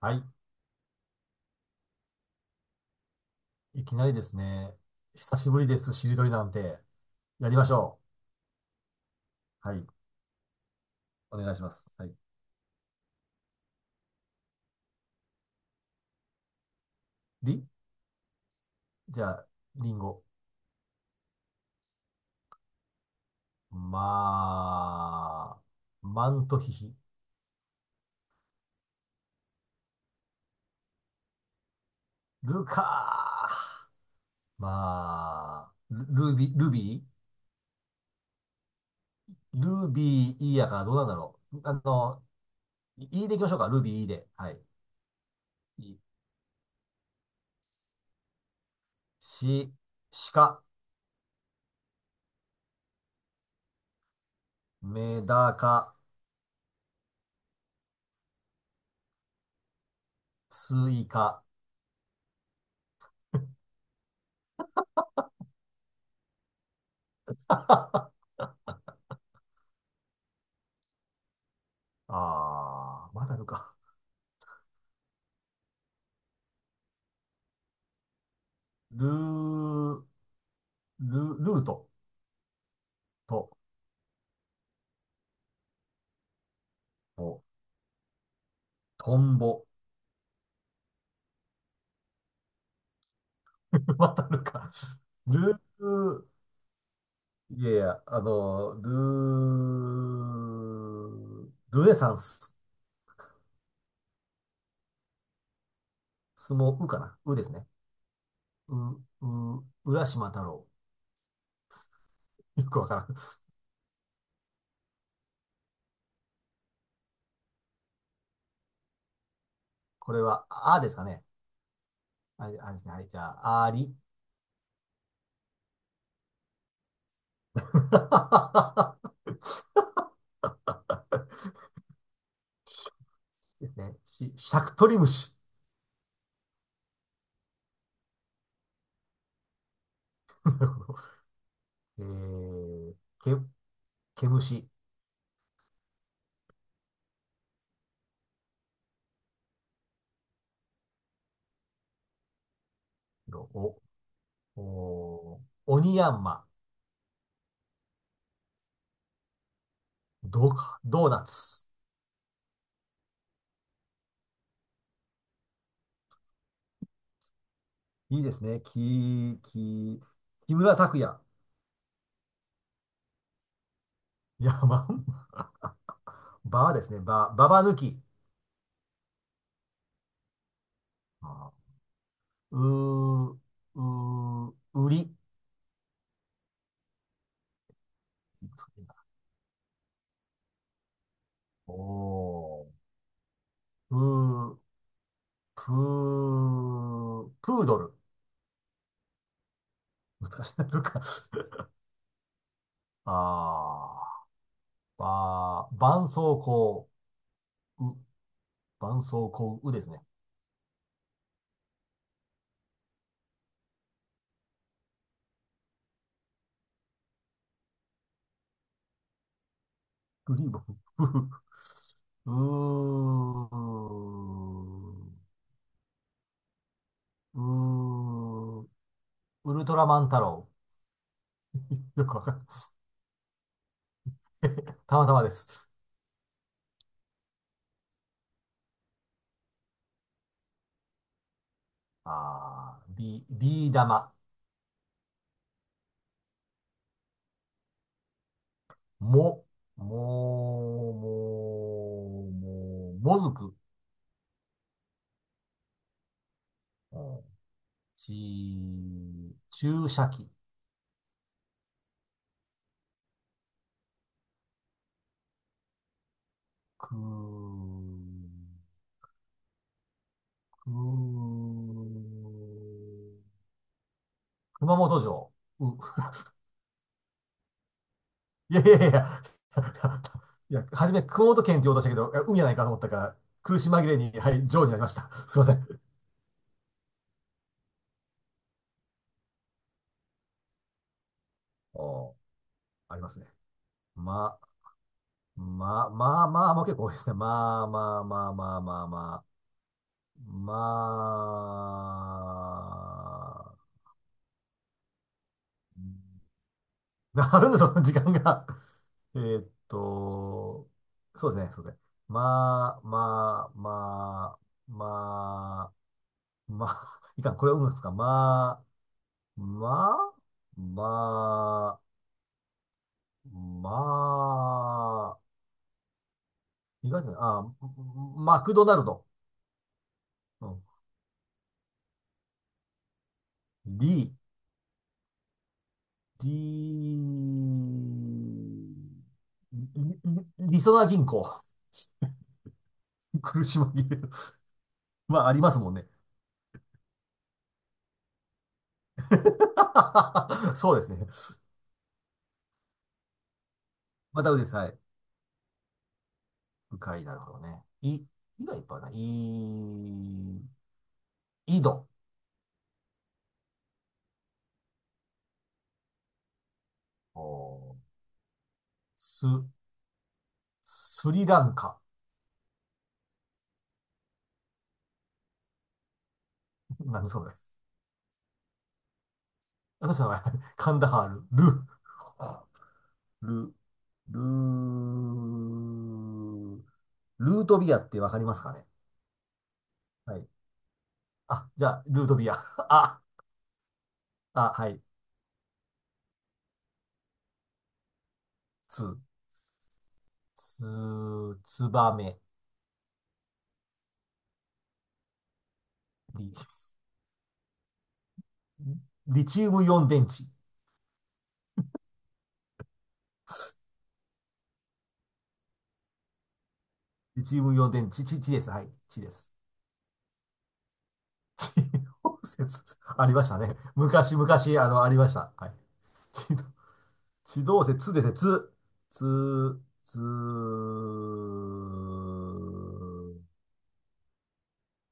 はい。いきなりですね。久しぶりです、しりとりなんて。やりましょう。はい。お願いします。はい。り、じゃあ、りんご。まあ、マントヒヒ。ルカー。まあ、ルルビ、ルビールビーいいやからどうなんだろう。いいでいきましょうか。ルビーいいで。はい。い、し、しか、メダカ、スイカ。ああ、まだあるか。ルー、ル、ルート、と、と、トンボ。またるか。ルー、いやいや、ルー、ルネサンス、相撲、うかな。うですね。う、う、浦島太郎。よくわからん。これは、あですかね。あ、あですね。はい、じゃあ、あり。ですね。し、しゃくとり虫。なるほど。えー、け、毛虫。お、お、おにやんま。どうか、ドーナツ。いいですね。き、き、木村拓哉。いや、まんまバーですね。バー、ババ抜き。あーうー、うー、売り。おー。うー、プー、プードル。難しいな、なか。あー、ばー、絆創膏、う、絆創膏、うですね。グリーブ、う、うー、うーん、ウルトラマン太郎。よくわかんない。たまたまです。あー、ビ、ビー玉。も、も、も、も、もずく。うん、ち、注射器。く、く、熊本城。う、いやいやいやいや、いや、初め熊本県って言おうとしたけど、いや運やないかと思ったから、苦し紛れに、はい、城になりました。すいません。おー、ありますね。ま、ま、ままあまあも結構多いですね。まあまあまあまあまあまあ。まあ、なるんですよ、その時間が。えーっと、そうですね、そうですね。まあ、まあ、まあ、まあ、まあ、いかん、これはうんですか。まあ、まあ、まあ、まあ、意外とね、あ、マクドナルド。うん、リ、 D、り、り、りそな銀行。苦し紛れる。まあ、ありますもんね。そうですね。またうです。はい。深い、なるほどね。い、いがいっぱいあるな。い、井戸。おー、す、スリランカ。なんでそうです。私の名前、カンダハール、ル、ル、ル、ルートビアってわかりますかね。はい。あ、じゃあ、ルートビア。あ、あ、はい。つ、つ、つばめ、リ、リチウムイオン電池。リチウムイオン電池、ち、ちです。はい。ちです。地動説。ありましたね。昔、昔、ありました。はい。地動、地動説、つですね。つ、つ、つ、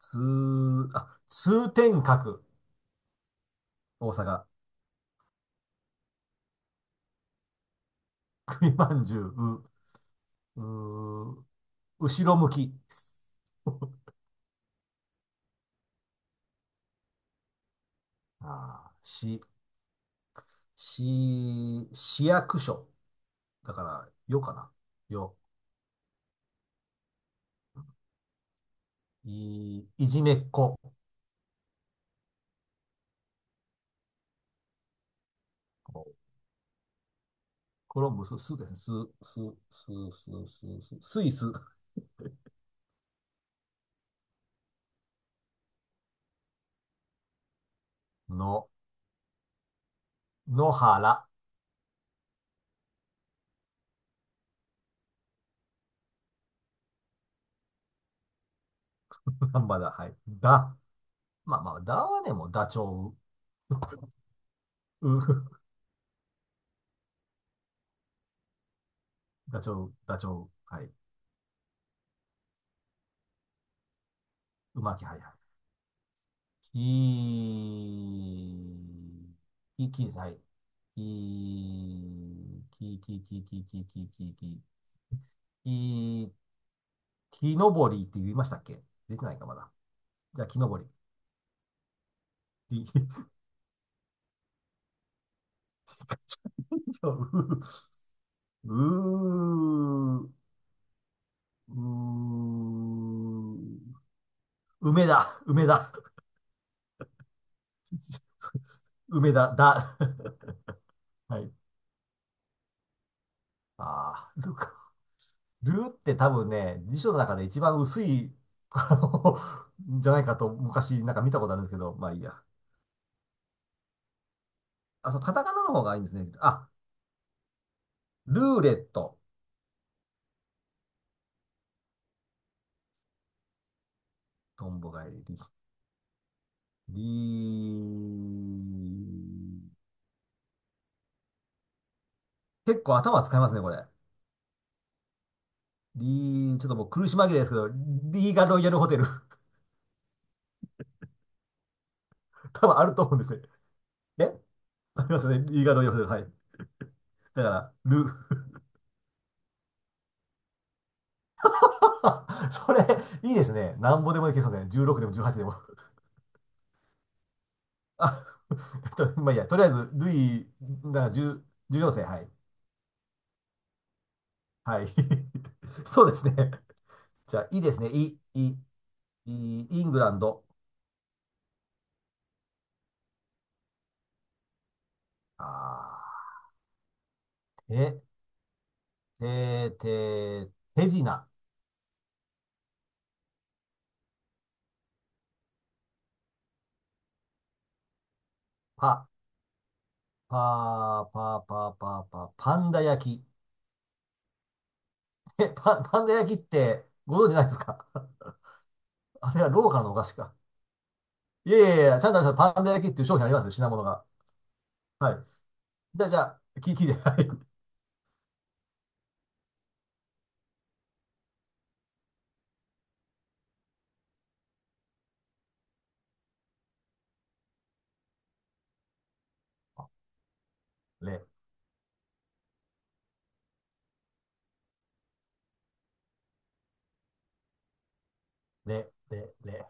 つ、あ、通天閣。大阪。栗まんじゅう、う、う、後ろ向き。ああ、し、市、役所。だから、よかな。よ。い、いじめっ子。コロンブス、すですね。す、す、す、す、スイスの、野原。なんだ。はい。だ。まあまあ、ダはね、もダチョウ。う、ダチョウ、ダチョウ。はい。うまき、はい、はい。き、き、き、はい。き、き、き、き、き、き、き、き、き、き、き、木登りって言いましたっけ。出てないか、まだ。じゃあ、木登り。木、うー、うー、梅だ、梅だ、梅だ、だ。はい。あー、ルか。ルって多分ね、辞書の中で一番薄い、あの、じゃないかと昔なんか見たことあるんですけど、まあいいや。あ、そう、カタカナの方がいいんですね。あ、ルーレット。トンボがいり。リー、結構頭使いますね、これ。リー、ちょっともう苦し紛れですけど、リーガロイヤルホテル。 多分あると思うんですね。え、ありますよね。リーガロイヤルホテル。はい。だから、ル。それ、いいですね。なんぼでもいけそうですね。16でも18でも。あ、まあいいや。とりあえず、ルイ、だから10、14世。はい。はい。そうですね。じゃあ、いいですね。い、い、い、イングランド。あー、え、て、て、手品。パ、パー、パー、パー、パー、パー、パンダ焼き。え、パ、パンダ焼きって、ご存知ないですか？ あれはローカルのお菓子か。いやいやいや、ちゃんとあのパンダ焼きっていう商品ありますよ、品物が。はい。じゃあ、じゃあ、聞いて、はい。レ、レ、レ、レ。